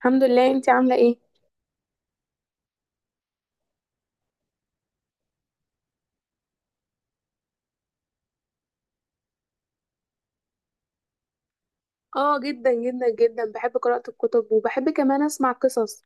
الحمد لله، انتي عاملة ايه؟ اه جدا جدا جدا بحب قراءة الكتب وبحب كمان اسمع قصص.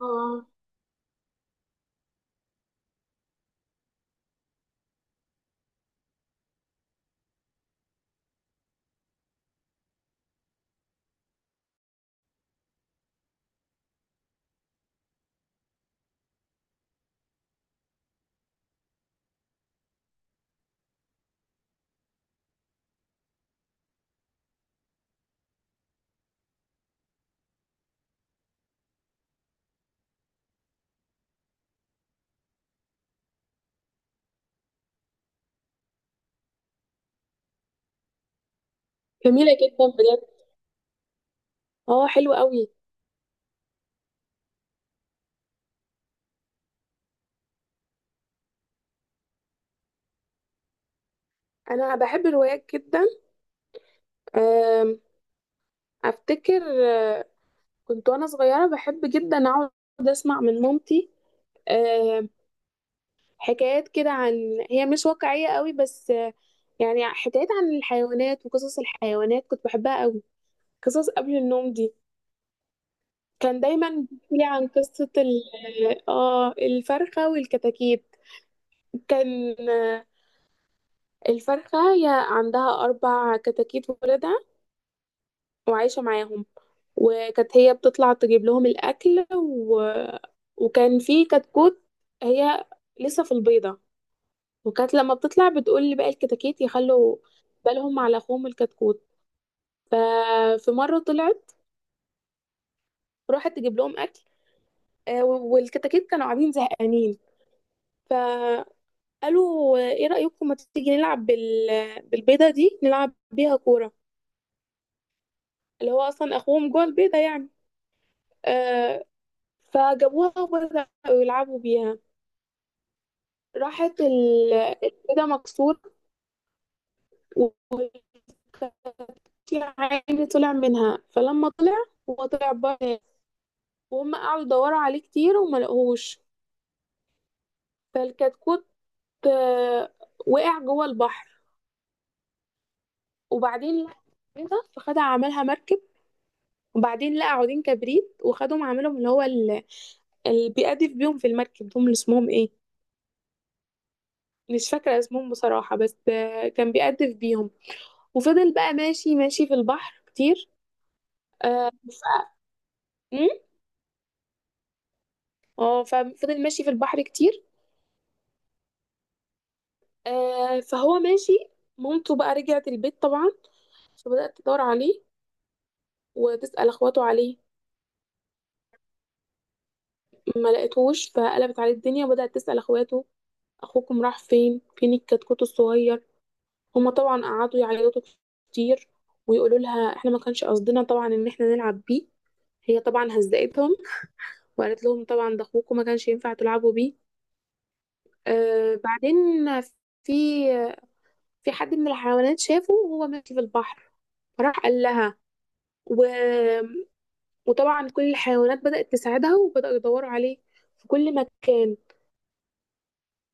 اه جميلة جدا بجد. اه حلوة قوي. انا بحب الروايات جدا. آم، افتكر كنت وانا صغيرة بحب جدا اقعد اسمع من مامتي. آم، حكايات كده عن، هي مش واقعية قوي بس، يعني حكايات عن الحيوانات وقصص الحيوانات كنت بحبها قوي، قصص قبل النوم دي. كان دايما بيحكي لي عن قصة ال اه الفرخة والكتاكيت. كان، الفرخة هي عندها أربع كتاكيت ولادها وعايشة معاهم، وكانت هي بتطلع تجيب لهم الأكل وكان في كتكوت هي لسه في البيضة، وكانت لما بتطلع بتقول لباقي الكتاكيت يخلوا بالهم على أخوهم الكتكوت. ففي مرة طلعت راحت تجيب لهم أكل، والكتاكيت كانوا قاعدين زهقانين، قالوا ايه رأيكم ما تيجي نلعب بالبيضة دي، نلعب بيها كورة، اللي هو اصلا اخوهم جوه البيضة يعني. آه فجابوها وبدأوا يلعبوا بيها، راحت البيضة مكسورة، وكان في عين طلع منها، فلما طلع هو طلع بره، وهم قعدوا يدوروا عليه كتير وما لقوهوش. فالكتكوت آه وقع جوه البحر، وبعدين لقى البيضة فخدها عملها مركب، وبعدين لقى عودين كبريت وخدهم عملهم اللي هو اللي بيقدف بيهم في المركب، دول اللي اسمهم ايه؟ مش فاكرة اسمهم بصراحة، بس، كان بيقدف بيهم، وفضل بقى ماشي ماشي في البحر كتير. آه، مم؟ اه ففضل ماشي في البحر كتير. فهو ماشي، مامته بقى رجعت البيت طبعا، فبدأت تدور عليه وتسأل اخواته عليه، ما لقيتهوش فقلبت عليه الدنيا وبدأت تسأل اخواته اخوكم راح فين، فين الكتكوت الصغير. هما طبعا قعدوا يعيطوا كتير ويقولوا لها احنا ما كانش قصدنا طبعا ان احنا نلعب بيه. هي طبعا هزقتهم وقالت لهم طبعا ده اخوكم، ما كانش ينفع تلعبوا بيه. بعدين في، في حد من الحيوانات شافه وهو ماشي في البحر، فراح قال لها، و... وطبعا كل الحيوانات بدأت تساعدها وبدأوا يدوروا عليه في كل مكان.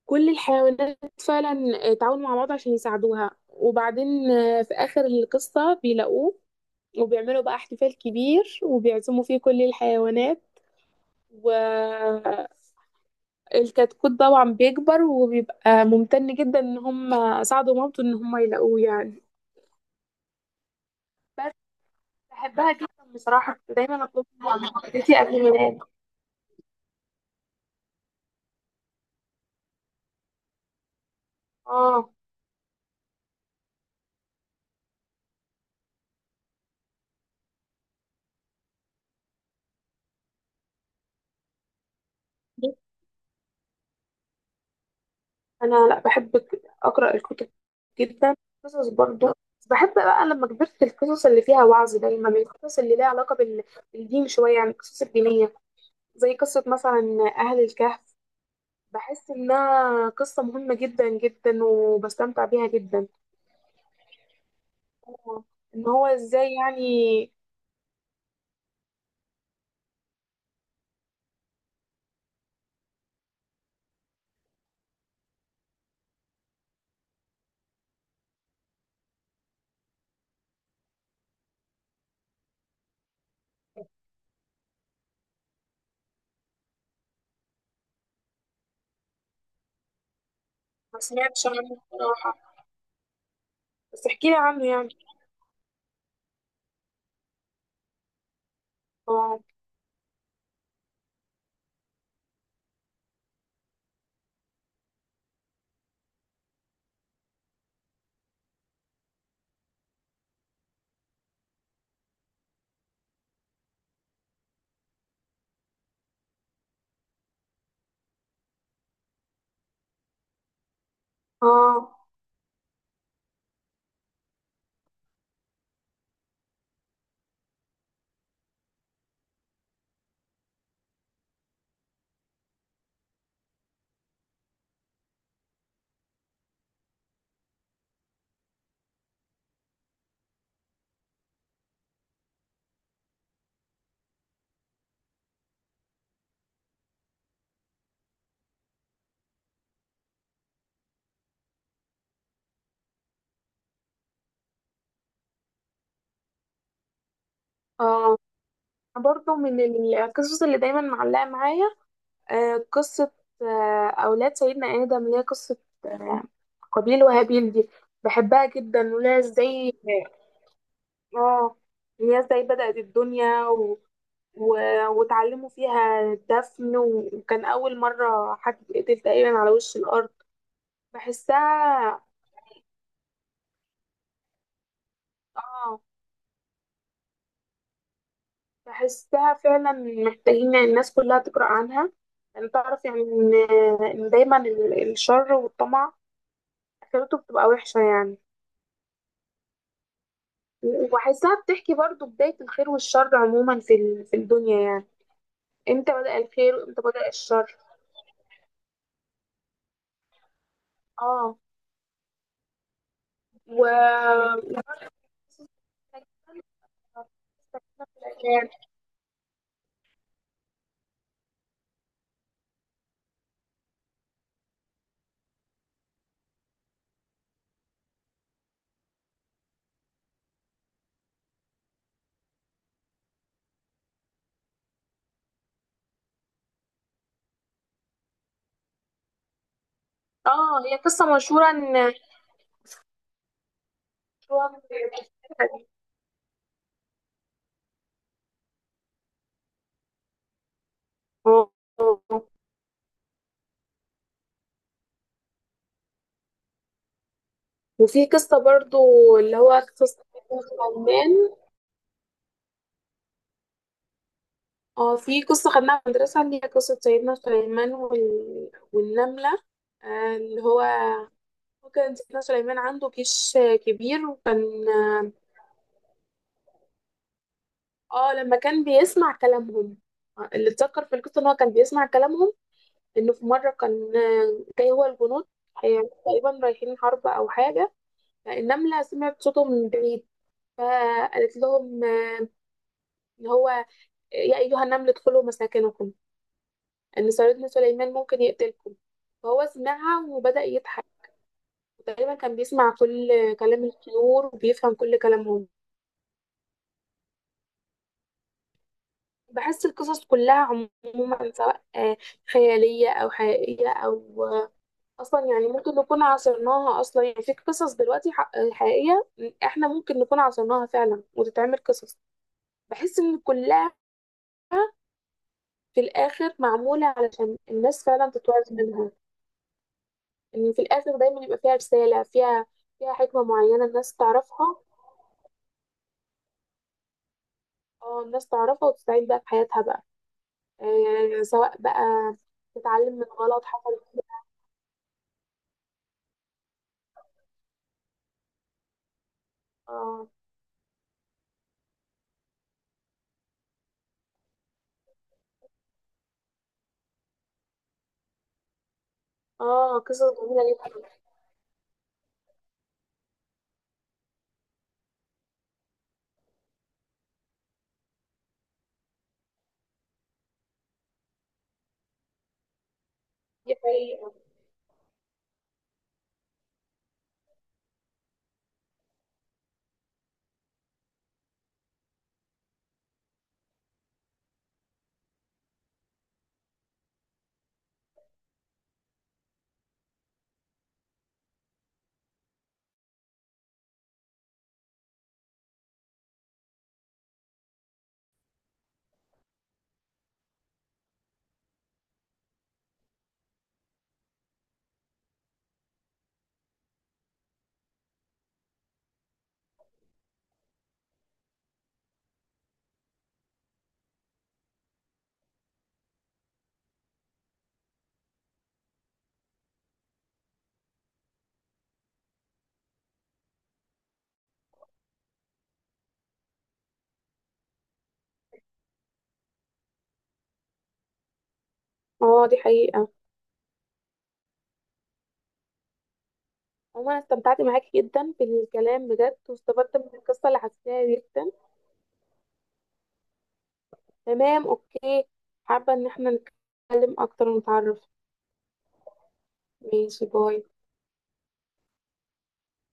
كل الحيوانات فعلا تعاونوا مع بعض عشان يساعدوها، وبعدين، في آخر القصة بيلاقوه، وبيعملوا بقى احتفال كبير وبيعزموا فيه كل الحيوانات، والكتكوت طبعا بيكبر وبيبقى ممتن جدا ان هم ساعدوا مامته ان هم يلاقوه يعني. بس بحبها جدا بصراحة، كنت دايما اطلبها من والدتي قبل ما انام. اه انا لا بحب اقرا الكتب جدا، قصص برضه، بس بحب بقى لما كبرت القصص اللي فيها وعظ، دايما القصص اللي ليها علاقة بالدين شوية، يعني القصص الدينية، زي قصة مثلا أهل الكهف. بحس انها قصة مهمة جدا جدا وبستمتع بيها جدا. هو- ان هو ازاي يعني. ما سمعتش عنه بصراحة، بس احكيلي عنه يعني. اه. اه. اه برضه من القصص اللي دايما معلقة معايا، قصة، أولاد سيدنا آدم اللي هي قصة، آه قابيل وهابيل دي، بحبها جدا وليها ازاي. اه إن هي ازاي بدأت الدنيا واتعلموا فيها دفن، وكان أول مرة حد يتقتل تقريبا على وش الأرض. بحسها، اه بحسها فعلا محتاجين الناس كلها تقرأ عنها، يعني تعرف يعني إن، إن دايما الشر والطمع آخرته بتبقى وحشة يعني. وبحسها بتحكي برضو بداية الخير والشر عموما في الدنيا يعني، امتى بدأ الخير وامتى بدأ الشر. اه و اه هي قصة مشهورة ان، اه آه. وفي قصة برضو اللي هو قصة سيدنا سليمان. اه في قصة خدناها في المدرسة اللي هي قصة سيدنا سليمان والنملة. اللي هو، هو كان سيدنا سليمان عنده جيش، كبير، وكان اه، لما كان بيسمع كلامهم، اللي اتذكر في القصة ان هو كان بيسمع كلامهم، انه في مرة كان، جاي هو الجنود، تقريبا رايحين حرب او حاجة، النملة سمعت صوتهم من بعيد، فقالت لهم، اللي هو، يا أيها النمل ادخلوا مساكنكم، إن صيادين سليمان ممكن يقتلكم، فهو سمعها وبدأ يضحك. تقريبا كان بيسمع كل كلام الطيور وبيفهم كل كلامهم. بحس القصص كلها عموما، سواء خيالية أو حقيقية أو، أصلا يعني ممكن نكون عاصرناها، أصلا يعني في قصص دلوقتي حقيقية إحنا ممكن نكون عاصرناها فعلا وتتعمل قصص، بحس إن كلها في الآخر معمولة علشان الناس فعلا تتوعظ منها. ان في الاخر دايما يبقى فيها رساله، فيها، فيها حكمه معينه الناس تعرفها. اه الناس تعرفها وتستعين بقى في حياتها بقى. سواء بقى تتعلم من غلط حصل فيها. اه. اه قصص جميله جدا. دي حقيقه. اه دي حقيقه. عموما أنا استمتعت معاكي جدا بالكلام بجد، واستفدت من القصه اللي حكيتها جدا. تمام اوكي، حابه ان احنا نتكلم اكتر ونتعرف. ماشي باي.